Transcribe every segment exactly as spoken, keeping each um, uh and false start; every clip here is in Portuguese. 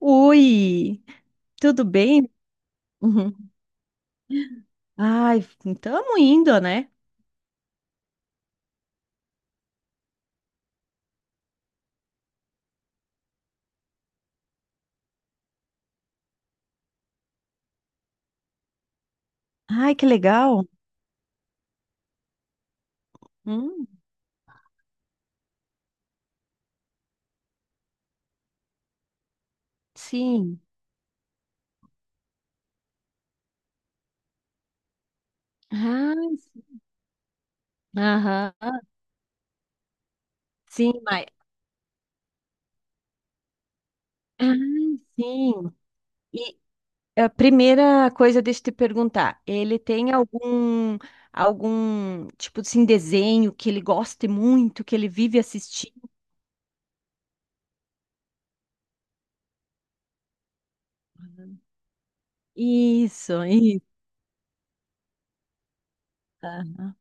Oi, tudo bem? Uhum. Ai, estamos indo, né? Ai, que legal. Hum, sim. Ah, sim. Aham. Sim, mas. Ah, sim. E a primeira coisa, deixa eu te perguntar: ele tem algum, algum tipo assim, desenho que ele goste muito, que ele vive assistindo? Isso, isso. Aham.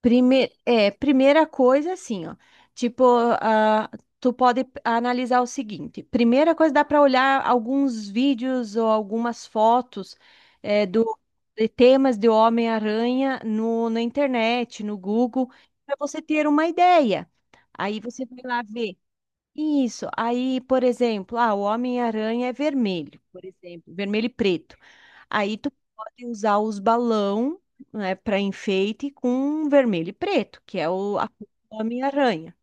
Prime... É, primeira coisa, assim, ó. Tipo, ah, tu pode analisar o seguinte: primeira coisa, dá para olhar alguns vídeos ou algumas fotos é, do, de temas de Homem-Aranha no, na internet, no Google, para você ter uma ideia. Aí você vai lá ver. Isso. Aí, por exemplo, ah, o Homem-Aranha é vermelho, por exemplo, vermelho e preto. Aí tu pode usar os balão, né, para enfeite com vermelho e preto, que é o a cor do Homem-Aranha.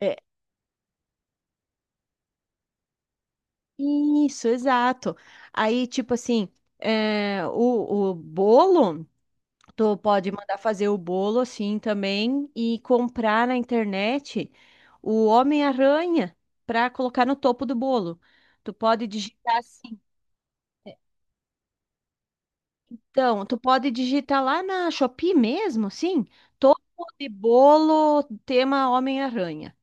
É. Isso, exato. Aí, tipo assim, é, o, o bolo, tu pode mandar fazer o bolo assim também e comprar na internet o Homem-Aranha para colocar no topo do bolo. Tu pode digitar assim. Então, tu pode digitar lá na Shopee mesmo, sim, topo de bolo tema Homem-Aranha.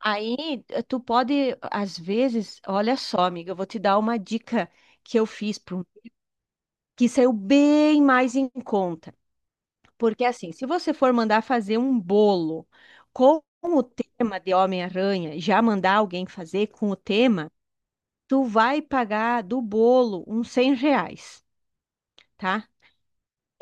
Aí eh, tu pode, às vezes, olha só, amiga, eu vou te dar uma dica que eu fiz para um que saiu bem mais em conta. Porque assim, se você for mandar fazer um bolo com o tema de Homem-Aranha, já mandar alguém fazer com o tema, tu vai pagar do bolo uns cem reais. Tá?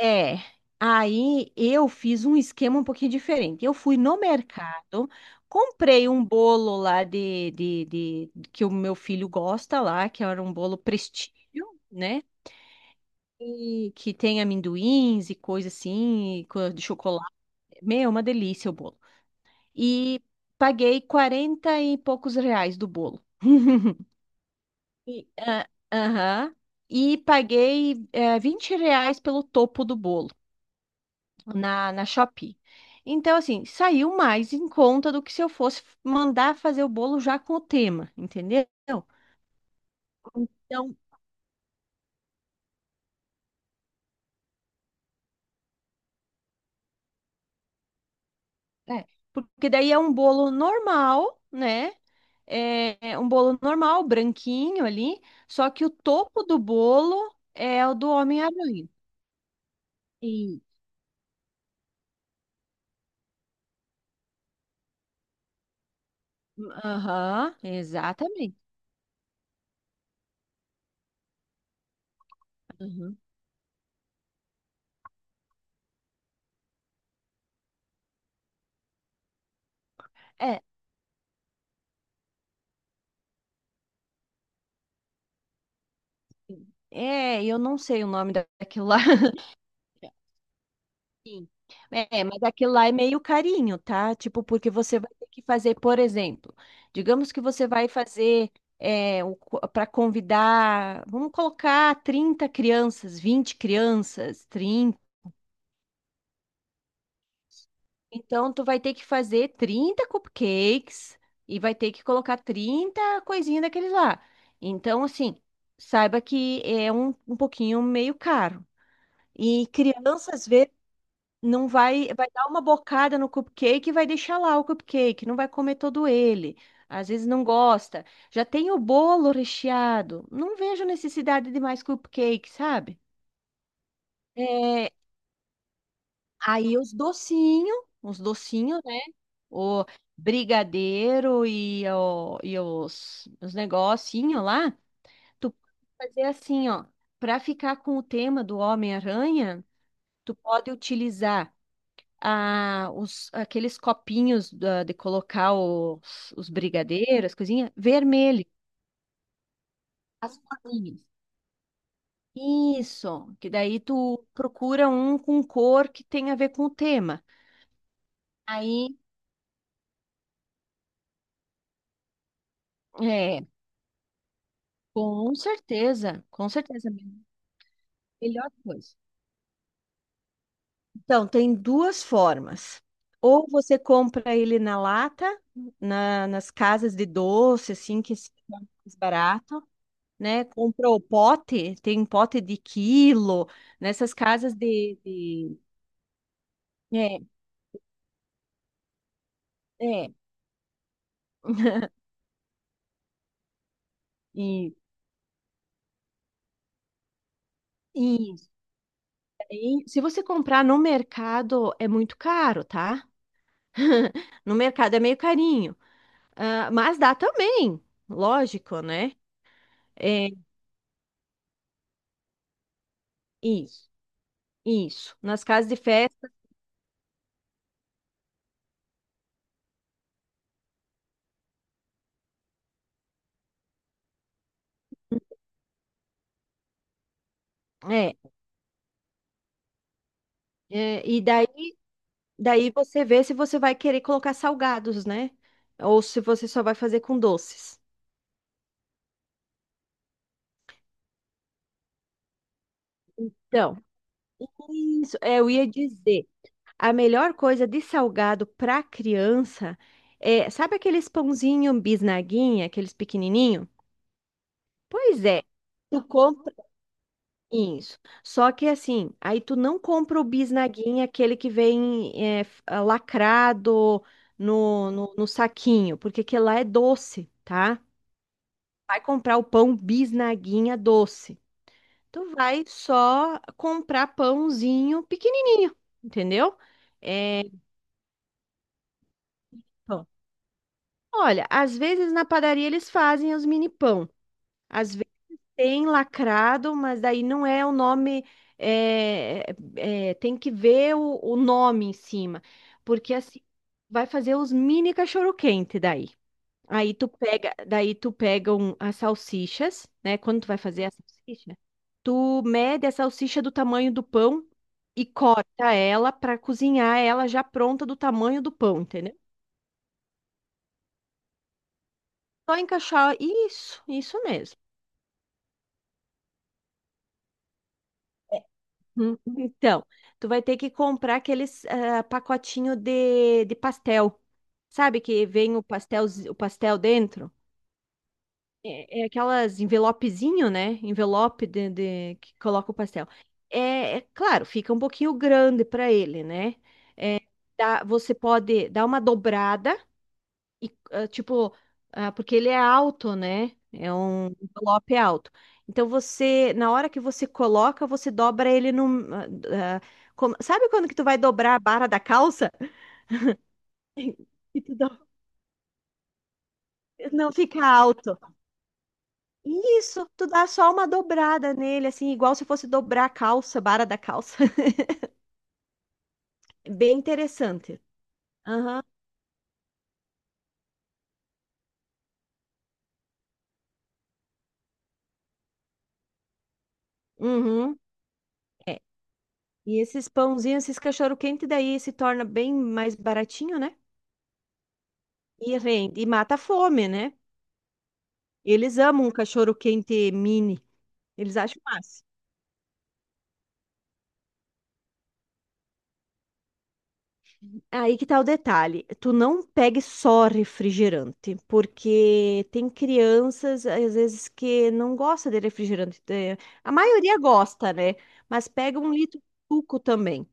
É, aí eu fiz um esquema um pouquinho diferente. Eu fui no mercado, comprei um bolo lá de, de, de- que o meu filho gosta lá, que era um bolo prestígio, né? E que tem amendoins e coisa assim, e co- de chocolate. Meu, uma delícia o bolo. E paguei quarenta e poucos reais do bolo. E, ah, aham. E paguei, eh, vinte reais pelo topo do bolo. na, na Shopee. Então, assim, saiu mais em conta do que se eu fosse mandar fazer o bolo já com o tema, entendeu? Então, é, porque daí é um bolo normal, né? É é um bolo normal, branquinho ali, só que o topo do bolo é o do Homem-Aranha. E- Aham, exatamente. Aham. É, é, eu não sei o nome da- daquilo lá. Sim. É, mas aquilo lá é meio carinho, tá? Tipo, porque você vai ter que fazer, por exemplo, digamos que você vai fazer para convidar, vamos colocar trinta crianças, vinte crianças, trinta. Então, tu vai ter que fazer trinta cupcakes e vai ter que colocar trinta coisinhas daqueles lá. Então, assim, saiba que é um, um pouquinho meio caro. E crianças. Não vai, vai dar uma bocada no cupcake e vai deixar lá o cupcake, não vai comer todo ele. Às vezes não gosta. Já tem o bolo recheado. Não vejo necessidade de mais cupcake, sabe? É, aí os docinhos, os docinhos, né? O brigadeiro e, o, e os, os negocinhos lá, tu pode fazer assim, ó. Para ficar com o tema do Homem-Aranha, tu pode utilizar a- os, aqueles copinhos da- de colocar os, os brigadeiros, coisinha, vermelho, as bolinhas. Isso, que daí tu procura um com cor que tem a ver com o tema. Aí, é, com certeza, com certeza, melhor coisa. Então, tem duas formas. Ou você compra ele na lata, na- nas casas de doce, assim, que é mais barato, né? Comprou pote, tem pote de quilo, nessas casas de, de... É, é, e, e isso aí, se você comprar no mercado, é muito caro, tá? No mercado é meio carinho, ah, mas dá também, lógico, né? É, isso, isso. Nas casas de festa, é, é, e daí, daí você vê se você vai querer colocar salgados, né? Ou se você só vai fazer com doces. Então, isso, é, eu ia dizer. A melhor coisa de salgado para criança é, sabe aqueles pãozinho bisnaguinha, aqueles pequenininho? Pois é. Tu compra isso. Só que assim, aí tu não compra o bisnaguinha, aquele que vem é, f- ah, lacrado no, no, no saquinho, porque aquele lá é doce, tá? Vai comprar o pão bisnaguinha doce. Tu vai só comprar pãozinho pequenininho, entendeu? É, olha, às vezes na padaria eles fazem os mini pão. Às vezes tem lacrado, mas daí não é o nome. é, é, Tem que ver o, o nome em cima. Porque assim, vai fazer os mini cachorro-quente daí. Aí tu pega, daí tu pega um- as salsichas, né? Quando tu vai fazer a salsicha, tu mede a salsicha do tamanho do pão e corta ela para cozinhar ela já pronta do tamanho do pão, entendeu? Só encaixar. Isso, isso mesmo. Hum, Então, tu vai ter que comprar aqueles ah, pacotinho de, de pastel. Sabe que vem o pastel, o pastel dentro? É, é aquelas envelopezinho, né? Envelope de, de- que coloca o pastel. É, é claro, fica um pouquinho grande para ele, né? É, dá- você pode dar uma dobrada e, ah, tipo, ah, porque ele é alto, né? É um envelope alto. Então você, na hora que você coloca, você dobra ele no. ah, ah, como- sabe quando que tu vai dobrar a barra da calça? E tu do- não fica alto. Isso, tu dá só uma dobrada nele, assim, igual se fosse dobrar a calça, barra da calça. Bem interessante. Aham. Uhum. É. E esses pãozinhos, esses cachorro-quente daí se torna bem mais baratinho, né? E rende, e mata a fome, né? Eles amam um cachorro quente mini. Eles acham massa. Aí que tá o detalhe. Tu não pegue só refrigerante, porque tem crianças, às vezes, que não gosta de refrigerante. É, a maioria gosta, né? Mas pega um litro de suco também.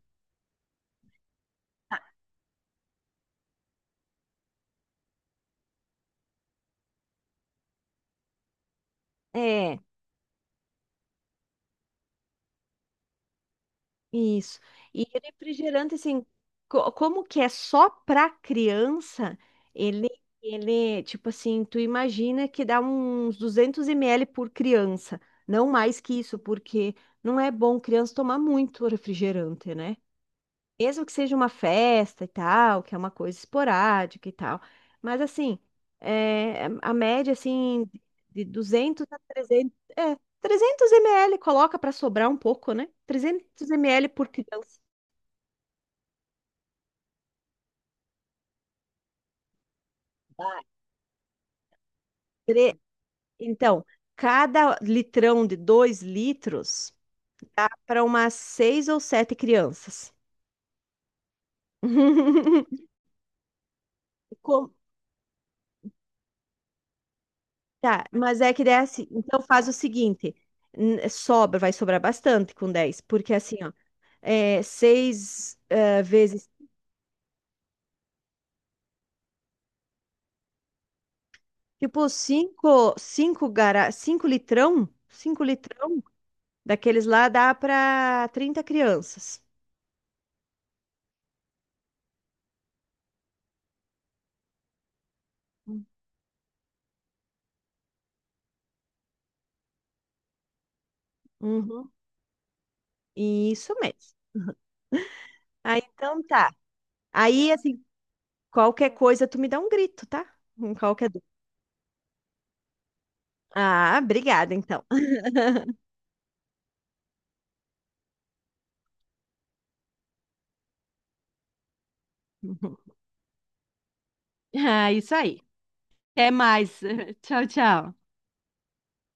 É. Isso. E refrigerante, assim, co- como que é só para criança, ele, ele, tipo assim, tu imagina que dá uns duzentos mililitros por criança, não mais que isso, porque não é bom criança tomar muito refrigerante, né? Mesmo que seja uma festa e tal, que é uma coisa esporádica e tal. Mas, assim, é, é, a média, assim, de duzentos a trezentos... É, trezentos mililitros, coloca para sobrar um pouco, né? trezentos mililitros por criança. Vai. Tre- Então, cada litrão de dois litros dá para umas seis ou sete crianças. Com- Tá, mas é que daí assim, então faz o seguinte, n- sobra, vai sobrar bastante com dez porque assim, é, seis eh, vezes, tipo cinco, cinco, gara, cinco litrão, cinco litrão daqueles lá dá para trinta crianças. Uhum. Isso mesmo. Ah, então tá. Aí, assim, qualquer coisa tu me dá um grito, tá? Em qualquer dúvida. Ah, obrigada, então. Ah, isso aí. Até mais. Tchau, tchau.